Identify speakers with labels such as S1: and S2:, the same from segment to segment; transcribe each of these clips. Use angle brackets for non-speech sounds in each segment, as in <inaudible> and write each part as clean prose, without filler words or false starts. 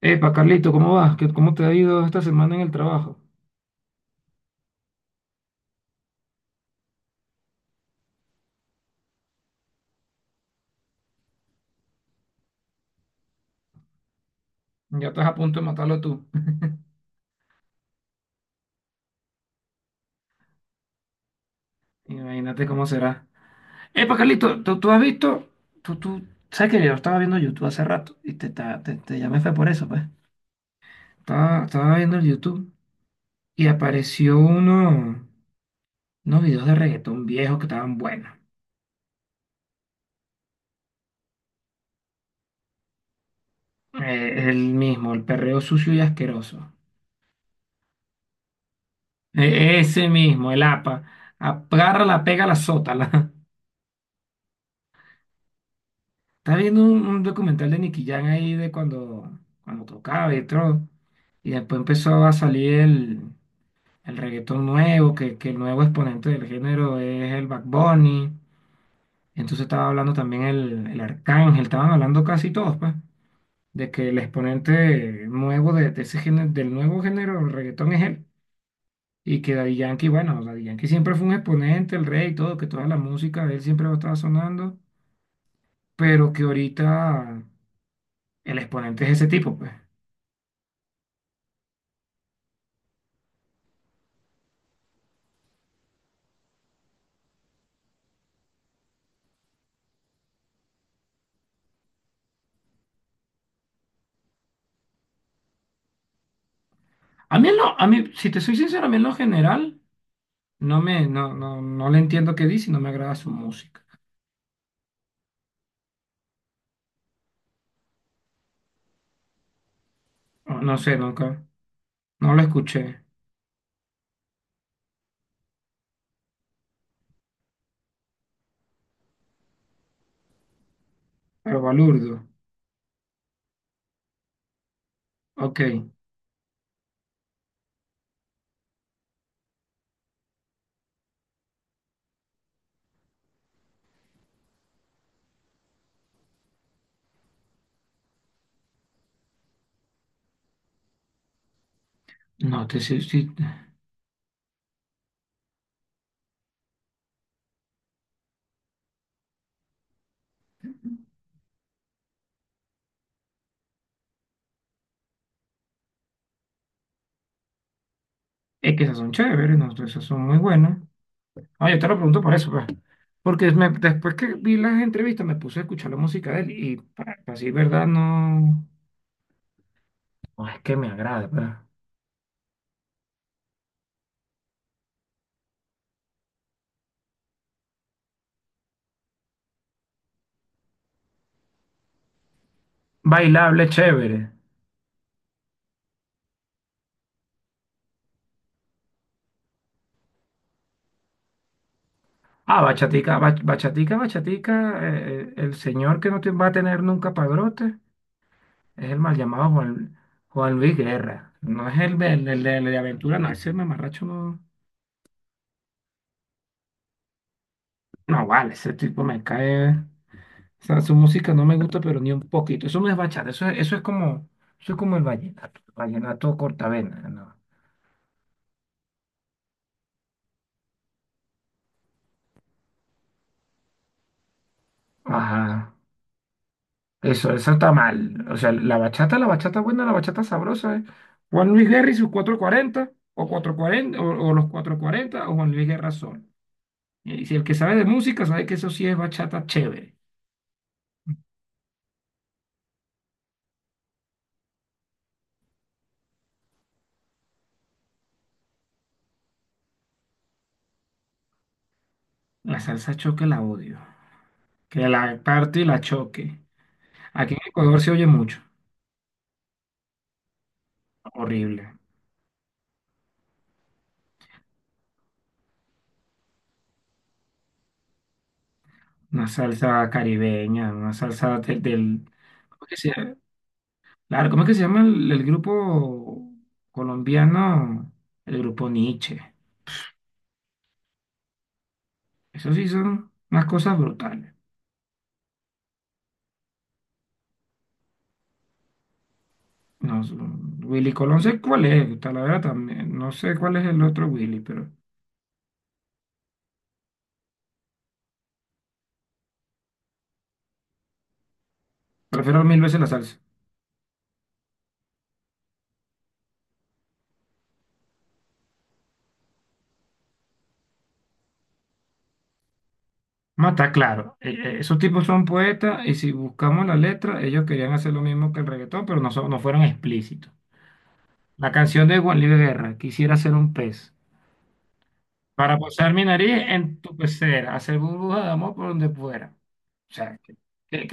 S1: Epa, Carlito, ¿cómo vas? ¿Cómo te ha ido esta semana en el trabajo? Ya estás a punto de matarlo tú. Imagínate cómo será. Epa, Carlito, ¿tú has visto? Tú, tú, sabes que yo estaba viendo YouTube hace rato y te llamé fue por eso, pues. Estaba viendo el YouTube y apareció unos videos de reggaetón viejos que estaban buenos. El mismo, el perreo sucio y asqueroso. Ese mismo, el APA. Agárrala, pégala, sótala. Estaba viendo un documental de Nicky Jam ahí de cuando tocaba y todo. Y después empezó a salir el reggaetón nuevo, que el nuevo exponente del género es el Bad Bunny. Entonces estaba hablando también el Arcángel, estaban hablando casi todos, pues, de que el exponente nuevo de ese género, del nuevo género del reggaetón es él. Y que Daddy Yankee, bueno, Daddy Yankee siempre fue un exponente, el rey y todo, que toda la música de él siempre va a estar sonando, pero que ahorita el exponente es ese tipo, pues. A mí, a mí, si te soy sincero, a mí en lo general no me, no, no, no le entiendo qué dice y no me agrada su música. No, no sé, nunca, no lo escuché. Pero Balurdo, ok. No, te, sí, sí, es que esas son chéveres, no, esas son muy buenas. Ah, yo te lo pregunto por eso, pues. Porque después que vi las entrevistas me puse a escuchar la música de él y para decir verdad no, no es que me agrade, pero bailable, chévere. Ah, bachatica, bachatica, bachatica, el señor que no te va a tener nunca padrote es el mal llamado Juan, Juan Luis Guerra. No es el, del- el de, el de el de aventura, no, ese mamarracho no. No, vale, ese tipo me cae. O sea, su música no me gusta, pero ni un poquito. Eso no es bachata, eso es como el vallenato, vallenato cortavena, ¿no? Ajá. Eso está mal. O sea, la bachata buena, la bachata sabrosa es Juan Luis Guerra y sus cuatro cuarenta o 440, o los cuatro cuarenta o Juan Luis Guerra solo. Y si el que sabe de música sabe que eso sí es bachata chévere. La salsa choque la odio. Que la parte y la choque. Aquí en Ecuador se oye mucho. Horrible. Una salsa caribeña, una salsa ¿cómo es que se llama? Claro, ¿cómo es que se llama el grupo colombiano? El grupo Nietzsche. Eso sí son unas cosas brutales. No, Willy Colón no sé cuál es, la verdad también. No sé cuál es el otro Willy, pero prefiero mil veces la salsa. No, está claro. Esos tipos son poetas y si buscamos la letra, ellos querían hacer lo mismo que el reggaetón, pero no, no fueron explícitos. La canción de Juan Luis Guerra, quisiera ser un pez, para posar mi nariz en tu pecera, hacer burbuja de amor por donde fuera. O sea,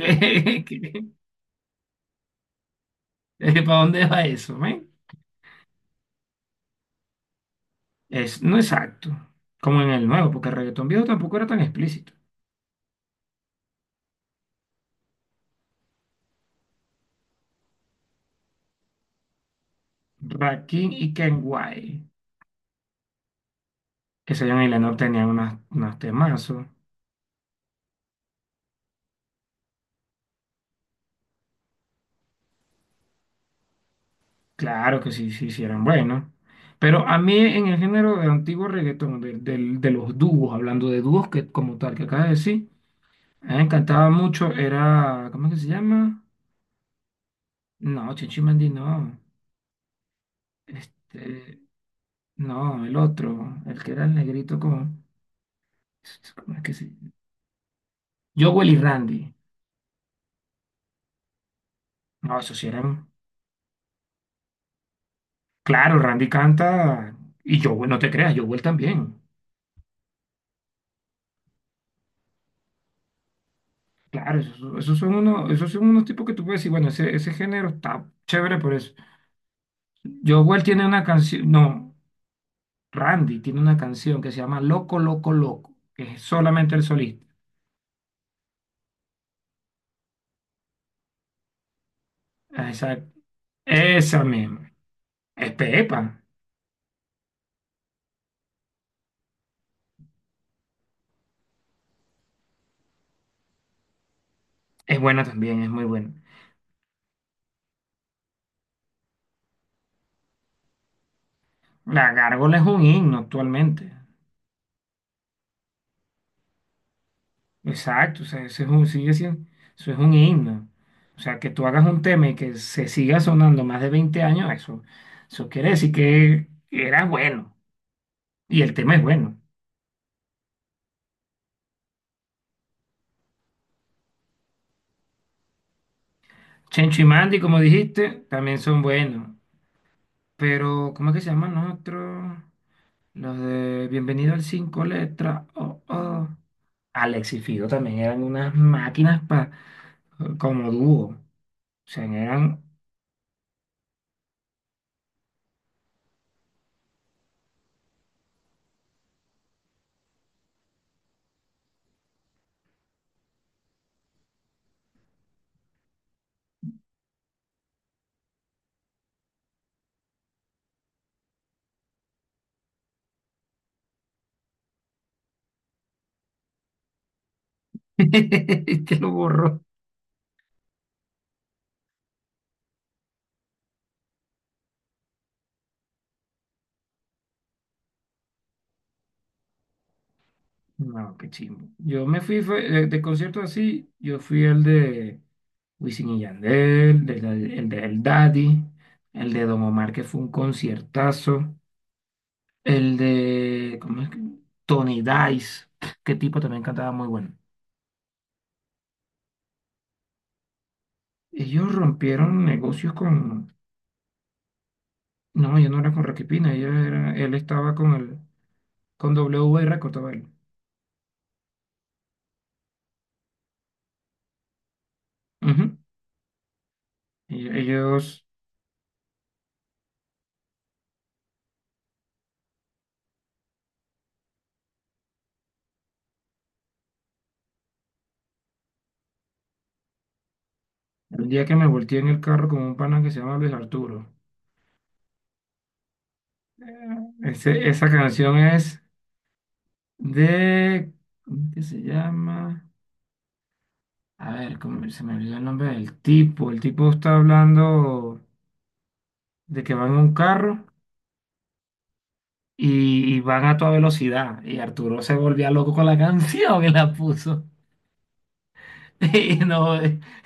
S1: que, <laughs> ¿para dónde va eso, men? Es, no exacto, como en el nuevo, porque el reggaetón viejo tampoco era tan explícito. Rakim y Kenway, que se llaman y Lenor, tenían unos temazos. Claro que sí, sí, sí eran buenos. Pero a mí en el género de antiguo reggaetón, de los dúos, hablando de dúos que, como tal, que acabas de decir, a mí me encantaba mucho, era, ¿cómo es que se llama? No, Chinchi Mandi no. Este, no, el otro, el que era el negrito como, ¿cómo es que se Jowell y Randy. No, esos sí eran Claro, Randy canta y yo, no te creas, Jowell también. Claro, esos, esos son unos tipos que tú puedes decir, bueno, ese género está chévere por eso. Jowell tiene una canción, no, Randy tiene una canción que se llama Loco, Loco, Loco, que es solamente el solista. Ah, Esa misma. Es Pepa, es buena también, es muy buena. La Gárgola es un himno actualmente. Exacto, o sea, eso es un, eso es un himno. O sea, que tú hagas un tema y que se siga sonando más de 20 años, eso, eso quiere decir que era bueno. Y el tema es bueno. Chencho y Mandy, como dijiste, también son buenos. Pero, ¿cómo es que se llaman los otros? Los de Bienvenido al Cinco Letras. Oh, oh. Alex y Fido también eran unas máquinas como dúo. O sea, eran... <laughs> Te lo borró. No, qué chimbo. Yo me fui fue, de conciertos así, yo fui el de Wisin y Yandel, el de El Daddy, el de Don Omar, que fue un conciertazo, el de, ¿cómo es que? Tony Dice, <sniffs> qué tipo también cantaba muy bueno. Ellos rompieron negocios con, no, yo no era con Rocky Pina ellos era, él estaba con W cortaba él. Ujú. Y Ellos, el día que me volteé en el carro con un pana que se llama Luis Arturo. Esa canción es. de, ¿Cómo que se llama? A ver, ¿cómo se me olvidó el nombre del tipo? El tipo está hablando de que van en un carro y van a toda velocidad. Y Arturo se volvía loco con la <laughs> canción que la puso. <laughs> Y no,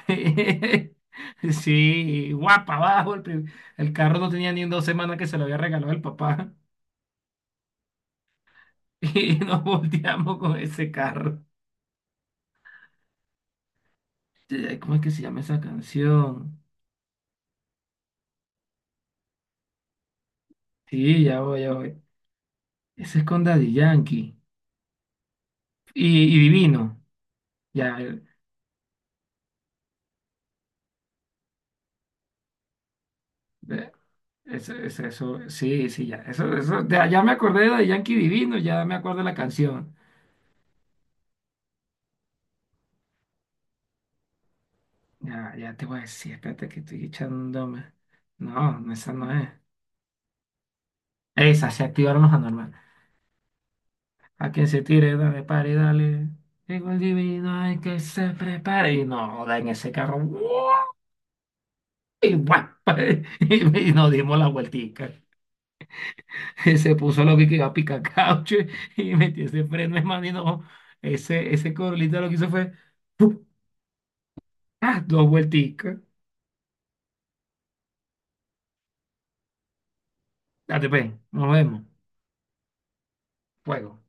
S1: <laughs> sí, guapa, abajo. El carro no tenía ni en 2 semanas que se lo había regalado el papá. <laughs> Y nos volteamos con ese carro. ¿Cómo es que se llama esa canción? Sí, ya voy, ya voy. Ese es con Daddy Yankee. Y divino. Ya, de- eso, eso, eso, sí, sí, ya. Eso, de, ya me acordé de Yankee Divino, ya me acuerdo de la canción. Ya, ya te voy a decir, espérate que estoy echándome. No, no, esa no es. Esa, se activaron los anormales. A quien se tire, dale, pare, dale. Llegó el divino, hay que se prepare. Y no, en ese carro. ¡Guau! Y, guau, <laughs> y nos dimos la vueltica. <laughs> se puso lo que quedó a picar y metió ese freno, hermano, y no, ese corolita lo que hizo fue, ¡puf! ¡Ah! Dos vuelticas, date pe, nos vemos, fuego.